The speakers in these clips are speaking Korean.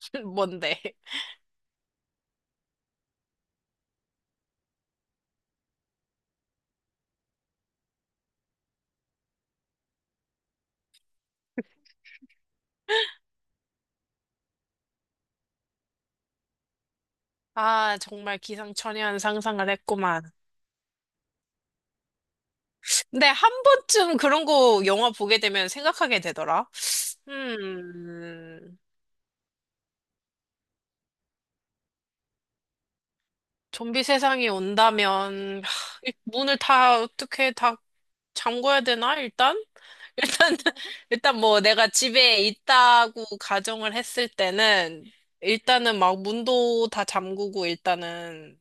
뭔데? 아, 정말 기상천외한 상상을 했구만. 근데 한 번쯤 그런 거 영화 보게 되면 생각하게 되더라. 음, 좀비 세상이 온다면, 하, 이 문을 다 어떻게 다 잠궈야 되나, 일단? 일단, 일단 뭐 내가 집에 있다고 가정을 했을 때는, 일단은 막 문도 다 잠그고 일단은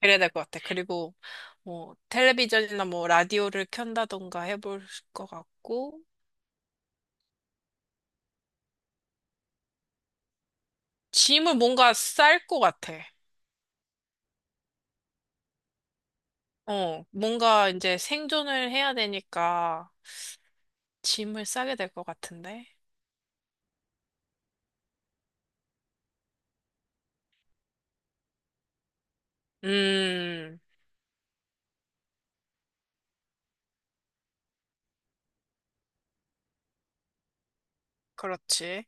그래야 될 것 같아. 그리고 뭐 텔레비전이나 뭐 라디오를 켠다던가 해볼 것 같고 짐을 뭔가 쌀 것 같아. 어, 뭔가 이제 생존을 해야 되니까 짐을 싸게 될 것 같은데. 음, 그렇지.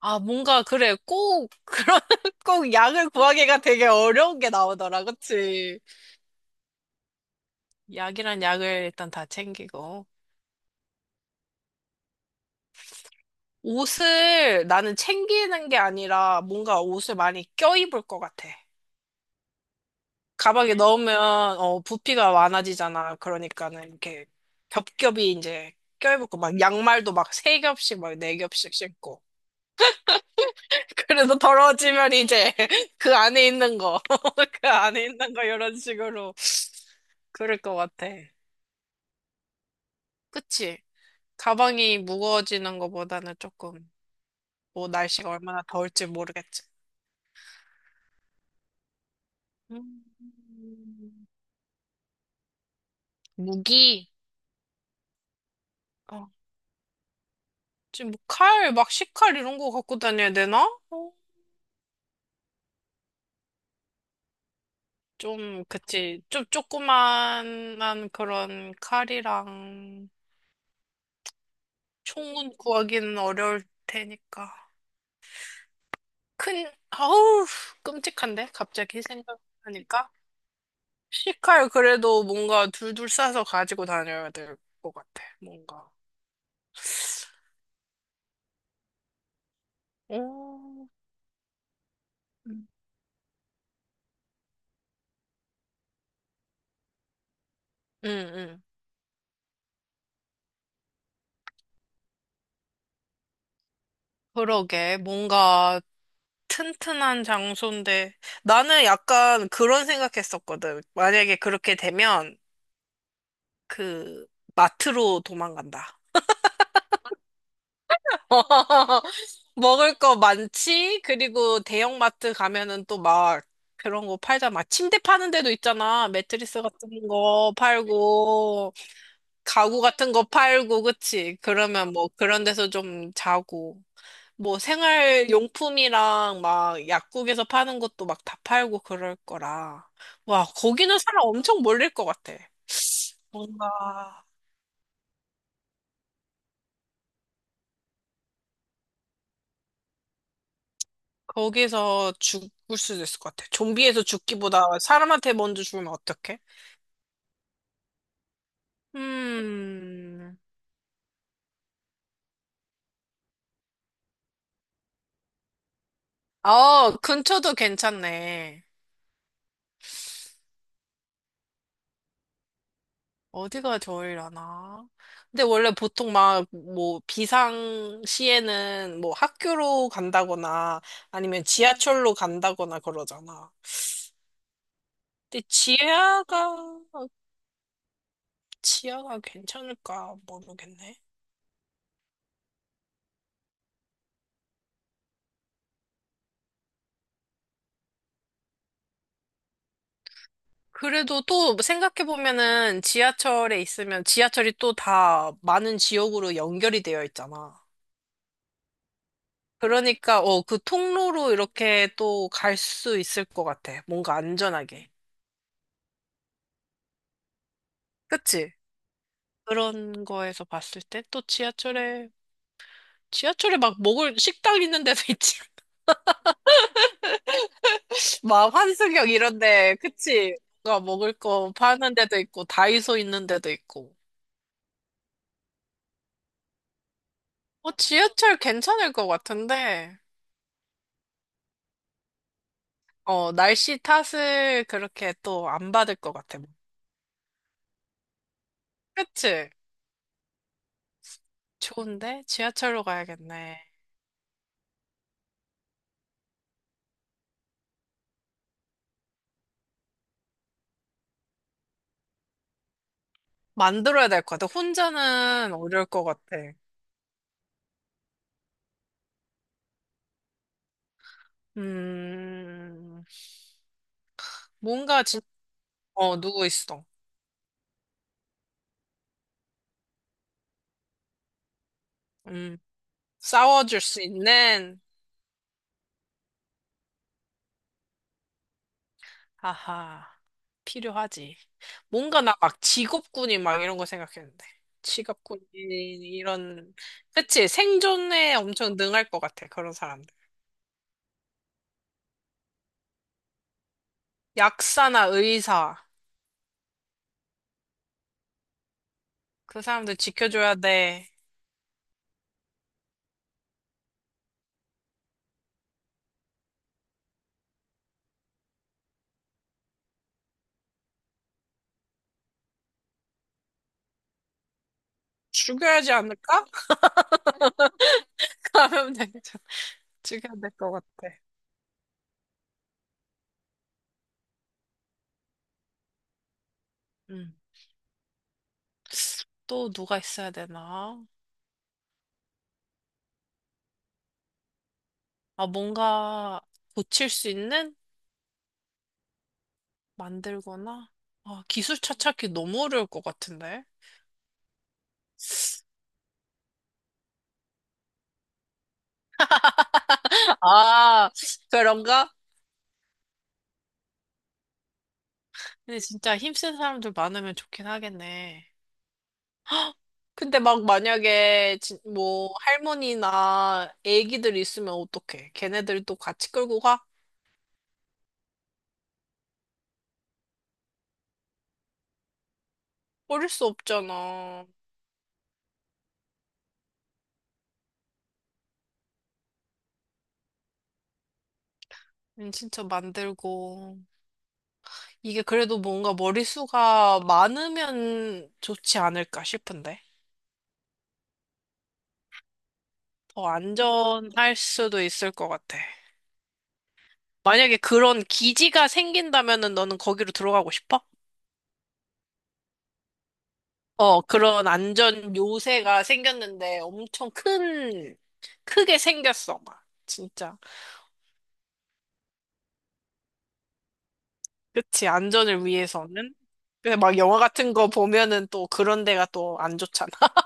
아, 뭔가 그래. 꼭 그런 꼭 약을 구하기가 되게 어려운 게 나오더라. 그치? 약이란 약을 일단 다 챙기고. 옷을 나는 챙기는 게 아니라 뭔가 옷을 많이 껴입을 것 같아. 가방에 넣으면 부피가 많아지잖아. 그러니까는 이렇게 겹겹이 이제 껴입고 막 양말도 막 세 겹씩 막 네 겹씩 신고. 그래서 더러워지면 이제 그 안에 있는 거, 그 안에 있는 거 이런 식으로 그럴 것 같아. 그치? 가방이 무거워지는 것보다는 조금 뭐 날씨가 얼마나 더울지 모르겠지. 음, 무기? 어, 지금 뭐 칼, 막 식칼 이런 거 갖고 다녀야 되나? 어? 좀, 그치. 좀 조그만한 그런 칼이랑 총은 구하기는 어려울 테니까. 큰, 아우, 끔찍한데? 갑자기 생각하니까. C칼 그래도 뭔가 둘둘 싸서 가지고 다녀야 될 것 같아. 뭔가. 오. 응, 응. 그러게. 뭔가 튼튼한 장소인데. 나는 약간 그런 생각했었거든. 만약에 그렇게 되면 그 마트로 도망간다. 먹을 거 많지? 그리고 대형마트 가면은 또 막 그런 거 팔잖아. 막 침대 파는 데도 있잖아. 매트리스 같은 거 팔고, 가구 같은 거 팔고, 그치? 그러면 뭐 그런 데서 좀 자고. 뭐 생활용품이랑 막 약국에서 파는 것도 막 다 팔고 그럴 거라. 와, 거기는 사람 엄청 몰릴 것 같아. 뭔가 거기서 죽을 수도 있을 것 같아. 좀비에서 죽기보다 사람한테 먼저 죽으면 어떡해? 음, 아, 근처도 괜찮네. 어디가 좋으려나? 근데 원래 보통 막, 뭐, 비상시에는 뭐 학교로 간다거나 아니면 지하철로 간다거나 그러잖아. 근데 지하가, 지하가 괜찮을까 모르겠네. 그래도 또 생각해보면은 지하철에 있으면 지하철이 또 다 많은 지역으로 연결이 되어 있잖아. 그러니까, 어, 그 통로로 이렇게 또 갈 수 있을 것 같아. 뭔가 안전하게. 그치? 그런 거에서 봤을 때 또 지하철에, 지하철에 막 먹을, 식당 있는 데도 있지. 막 환승역 이런데, 그치? 뭔가 먹을 거 파는 데도 있고, 다이소 있는 데도 있고. 어, 지하철 괜찮을 것 같은데, 어, 날씨 탓을 그렇게 또 안 받을 것 같아. 그치? 좋은데? 지하철로 가야겠네. 만들어야 될 것 같아. 혼자는 어려울 것 같아. 음, 뭔가 진, 어, 누구 있어. 음, 싸워줄 수 있는, 하하, 필요하지. 뭔가 나 막 직업군인 막 이런 거 생각했는데. 직업군인, 이런, 그치? 생존에 엄청 능할 것 같아. 그런 사람들. 약사나 의사. 그 사람들 지켜줘야 돼. 죽여야지 않을까? 하면 되죠. 죽여야 될 것 같아. 음. 또 누가 있어야 되나? 아, 뭔가 고칠 수 있는? 만들거나? 아, 기술차 찾기 너무 어려울 것 같은데? 아, 그런가? 근데 진짜 힘쓴 사람들 많으면 좋긴 하겠네. 근데 막 만약에 뭐 할머니나 애기들 있으면 어떡해? 걔네들도 같이 끌고 가? 버릴 수 없잖아. 진짜 만들고. 이게 그래도 뭔가 머리수가 많으면 좋지 않을까 싶은데. 더 안전할 수도 있을 것 같아. 만약에 그런 기지가 생긴다면은 너는 거기로 들어가고 싶어? 어, 그런 안전 요새가 생겼는데 엄청 큰, 크게 생겼어, 막. 진짜. 그치, 안전을 위해서는. 근데 막 영화 같은 거 보면은 또 그런 데가 또 안 좋잖아.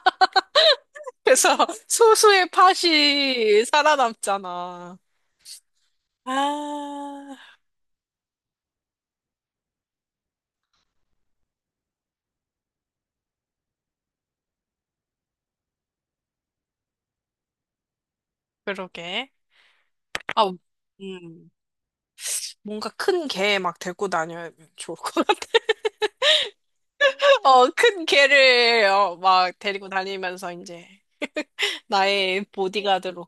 그래서 소수의 팥이 살아남잖아. 아, 그러게. 아, 음, 뭔가 큰 개 막 데리고 다녀야 좋을 것 같아. 어, 큰 개를 어, 막 데리고 다니면서 이제 나의 보디가드로.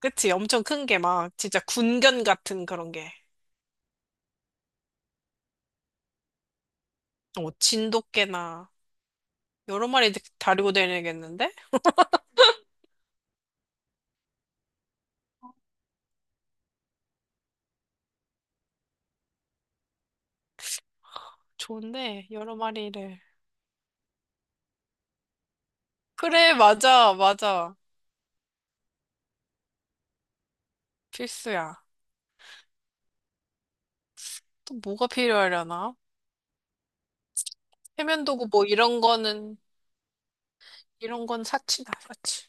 그치? 엄청 큰 개 막 진짜 군견 같은 그런 게. 어, 진돗개나 여러 마리 다리고 다니겠는데? 좋은데 여러 마리를. 그래, 맞아, 맞아. 필수야. 또 뭐가 필요하려나? 세면도구 뭐 이런 거는 이런 건 사치다, 사치.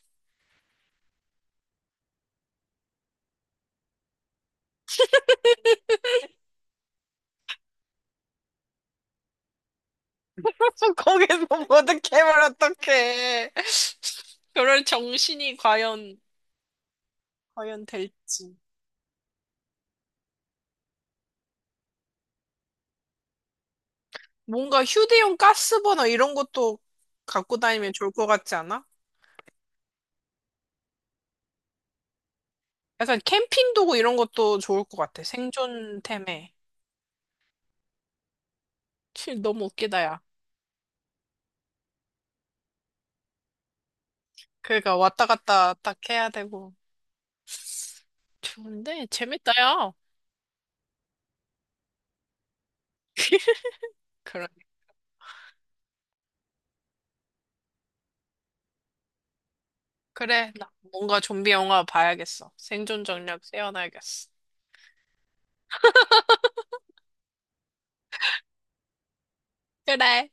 거기서 모든 개발 어떡해. 그럴 정신이 과연 될지. 뭔가 휴대용 가스버너 이런 것도 갖고 다니면 좋을 것 같지 않아? 약간 캠핑 도구 이런 것도 좋을 것 같아. 생존템에. 치, 너무 웃기다, 야. 그러니까 왔다 갔다 딱 해야 되고. 좋은데? 재밌다, 야. 그래. 그래. 나 뭔가 좀비 영화 봐야겠어. 생존 전략 세워놔야겠어. 그래.